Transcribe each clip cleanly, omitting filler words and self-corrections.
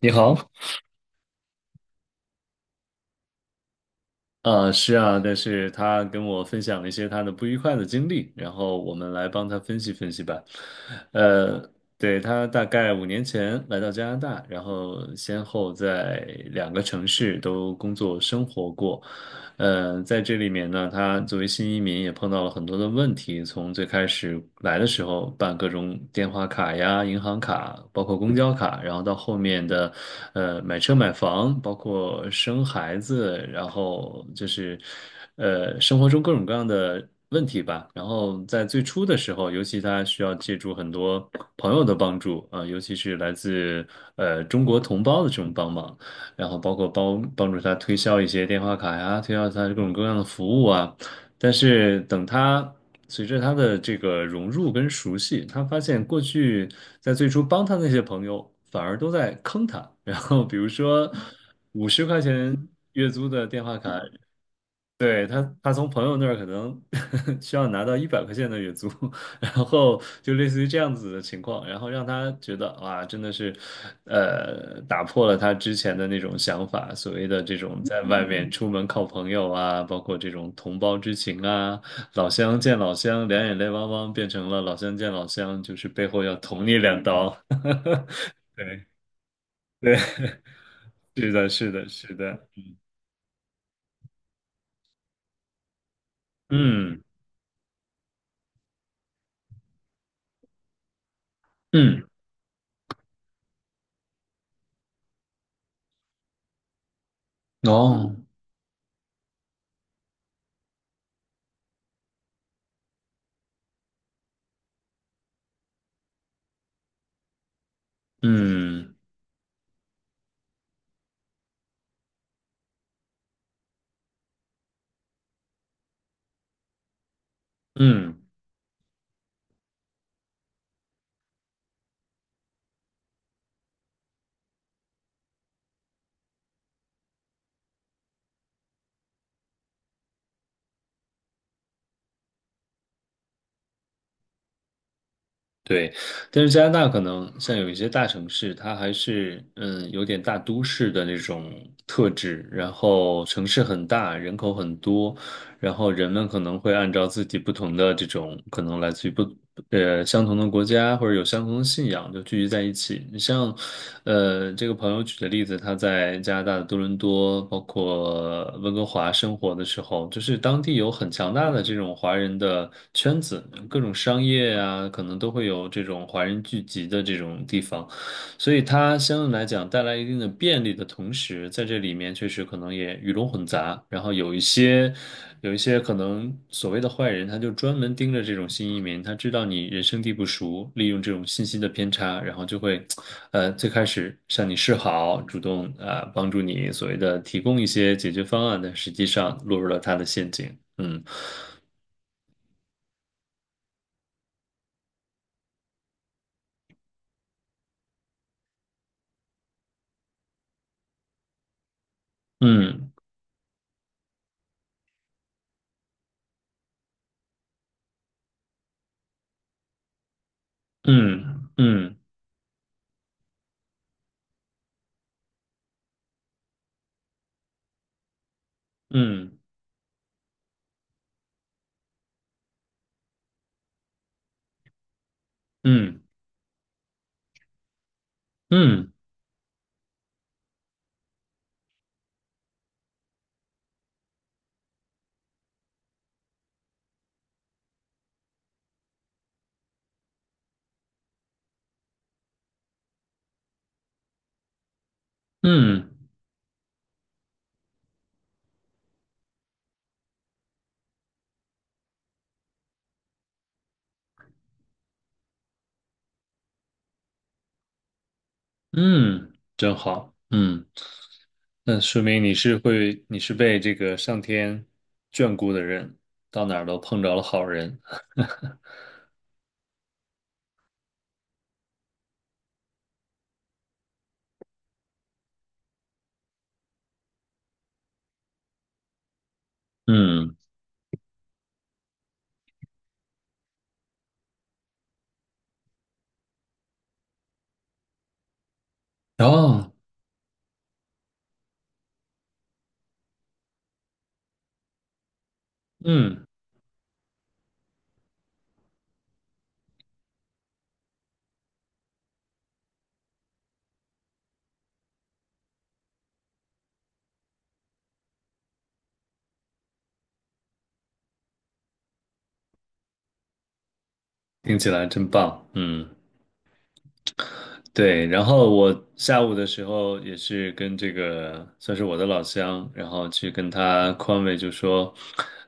你好，是啊，但是他跟我分享了一些他的不愉快的经历，然后我们来帮他分析分析吧。呃，对，他大概五年前来到加拿大，然后先后在两个城市都工作生活过。在这里面呢，他作为新移民也碰到了很多的问题。从最开始来的时候办各种电话卡呀、银行卡，包括公交卡，然后到后面的，买车买房，包括生孩子，然后就是，生活中各种各样的问题吧。然后在最初的时候，尤其他需要借助很多朋友的帮助啊，尤其是来自中国同胞的这种帮忙。然后包括帮助他推销一些电话卡呀，推销他各种各样的服务啊。但是等他随着他的这个融入跟熟悉，他发现过去在最初帮他那些朋友反而都在坑他。然后比如说五十块钱月租的电话卡，对，他从朋友那儿可能 需要拿到一百块钱的月租，然后就类似于这样子的情况，然后让他觉得哇，真的是，打破了他之前的那种想法，所谓的这种在外面出门靠朋友啊，包括这种同胞之情啊，老乡见老乡，两眼泪汪汪，变成了老乡见老乡，就是背后要捅你两刀。对对，是的，是的，是的，嗯嗯，哦，嗯嗯。对，但是加拿大可能像有一些大城市，它还是嗯有点大都市的那种特质，然后城市很大，人口很多，然后人们可能会按照自己不同的这种，可能来自于不呃相同的国家或者有相同的信仰，就聚集在一起。你像，这个朋友举的例子，他在加拿大的多伦多，包括温哥华生活的时候，就是当地有很强大的这种华人的圈子，各种商业啊，可能都会有这种华人聚集的这种地方。所以它相对来讲带来一定的便利的同时，在这里面确实可能也鱼龙混杂，然后有一些可能所谓的坏人，他就专门盯着这种新移民，他知道你人生地不熟，利用这种信息的偏差，然后就会，最开始向你示好，主动啊，帮助你所谓的提供一些解决方案，但实际上落入了他的陷阱。嗯嗯嗯嗯嗯嗯嗯嗯嗯，嗯真好。嗯。那说明你是会，你是被这个上天眷顾的人，到哪儿都碰着了好人。嗯，哦，嗯，听起来真棒。嗯。对，然后我下午的时候也是跟这个算是我的老乡，然后去跟他宽慰，就说，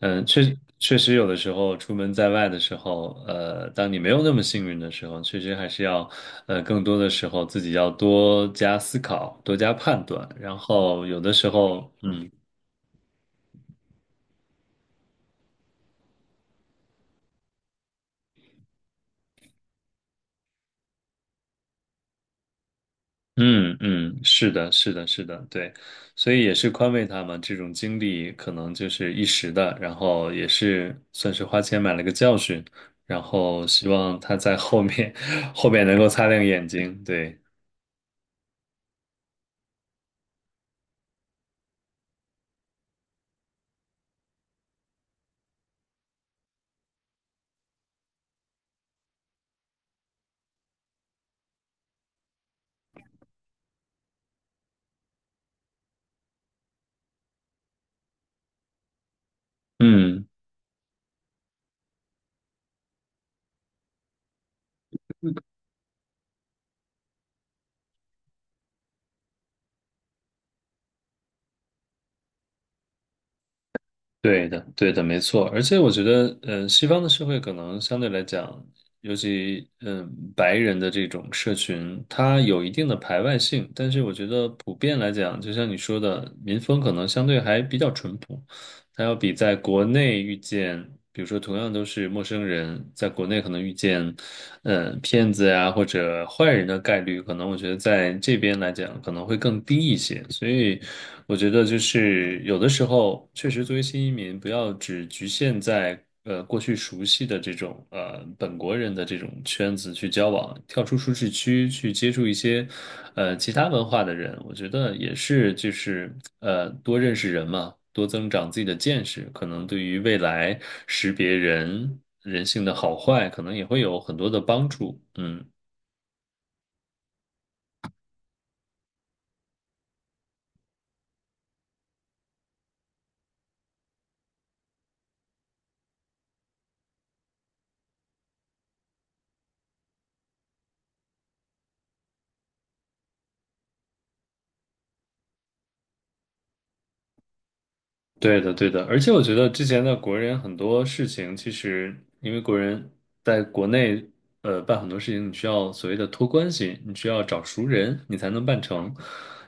嗯，确实有的时候出门在外的时候，当你没有那么幸运的时候，确实还是要，更多的时候自己要多加思考，多加判断，然后有的时候，嗯。嗯嗯，是的，是的，是的，对，所以也是宽慰他嘛。这种经历可能就是一时的，然后也是算是花钱买了个教训，然后希望他在后面 后面能够擦亮眼睛。对，嗯。对的，对的，没错。而且我觉得，嗯、西方的社会可能相对来讲，尤其嗯、白人的这种社群，它有一定的排外性。但是我觉得普遍来讲，就像你说的，民风可能相对还比较淳朴。它要比在国内遇见，比如说同样都是陌生人，在国内可能遇见。嗯，骗子呀或者坏人的概率，可能我觉得在这边来讲可能会更低一些。所以我觉得就是有的时候，确实作为新移民，不要只局限在过去熟悉的这种本国人的这种圈子去交往，跳出舒适区去接触一些其他文化的人，我觉得也是就是多认识人嘛。多增长自己的见识，可能对于未来识别人性的好坏，可能也会有很多的帮助。嗯。对的，对的，而且我觉得之前的国人很多事情，其实因为国人在国内，办很多事情，你需要所谓的托关系，你需要找熟人，你才能办成。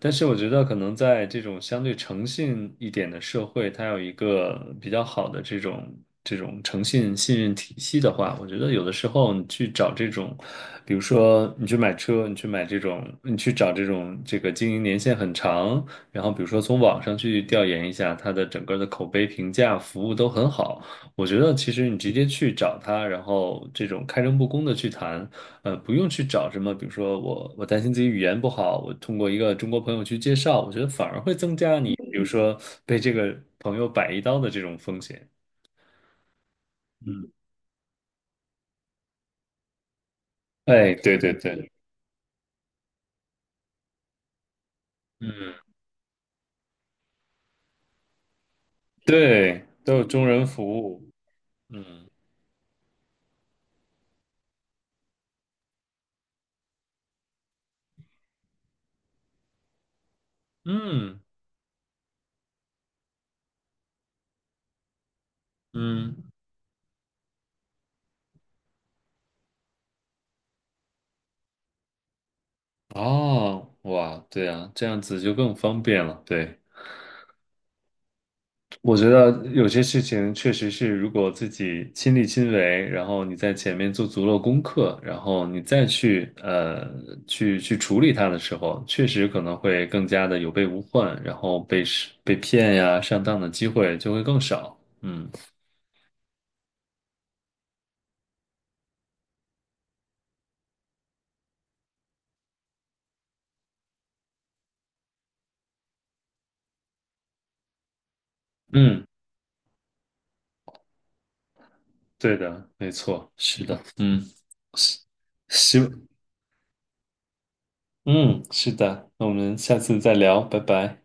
但是我觉得可能在这种相对诚信一点的社会，它有一个比较好的这种诚信信任体系的话，我觉得有的时候你去找这种，比如说你去买车，你去买这种，你去找这种这个经营年限很长。然后比如说从网上去调研一下他的整个的口碑评价、服务都很好，我觉得其实你直接去找他，然后这种开诚布公的去谈，不用去找什么，比如说我担心自己语言不好，我通过一个中国朋友去介绍，我觉得反而会增加你，比如说被这个朋友摆一刀的这种风险。嗯，哎，对对对，嗯，对，都有中人服务，嗯嗯嗯。哦，哇，对啊，这样子就更方便了。对，我觉得有些事情确实是，如果自己亲力亲为，然后你在前面做足了功课，然后你再去处理它的时候，确实可能会更加的有备无患，然后被骗呀、上当的机会就会更少。嗯嗯，对的，没错，是的，嗯，是，希嗯，是的，那我们下次再聊，拜拜。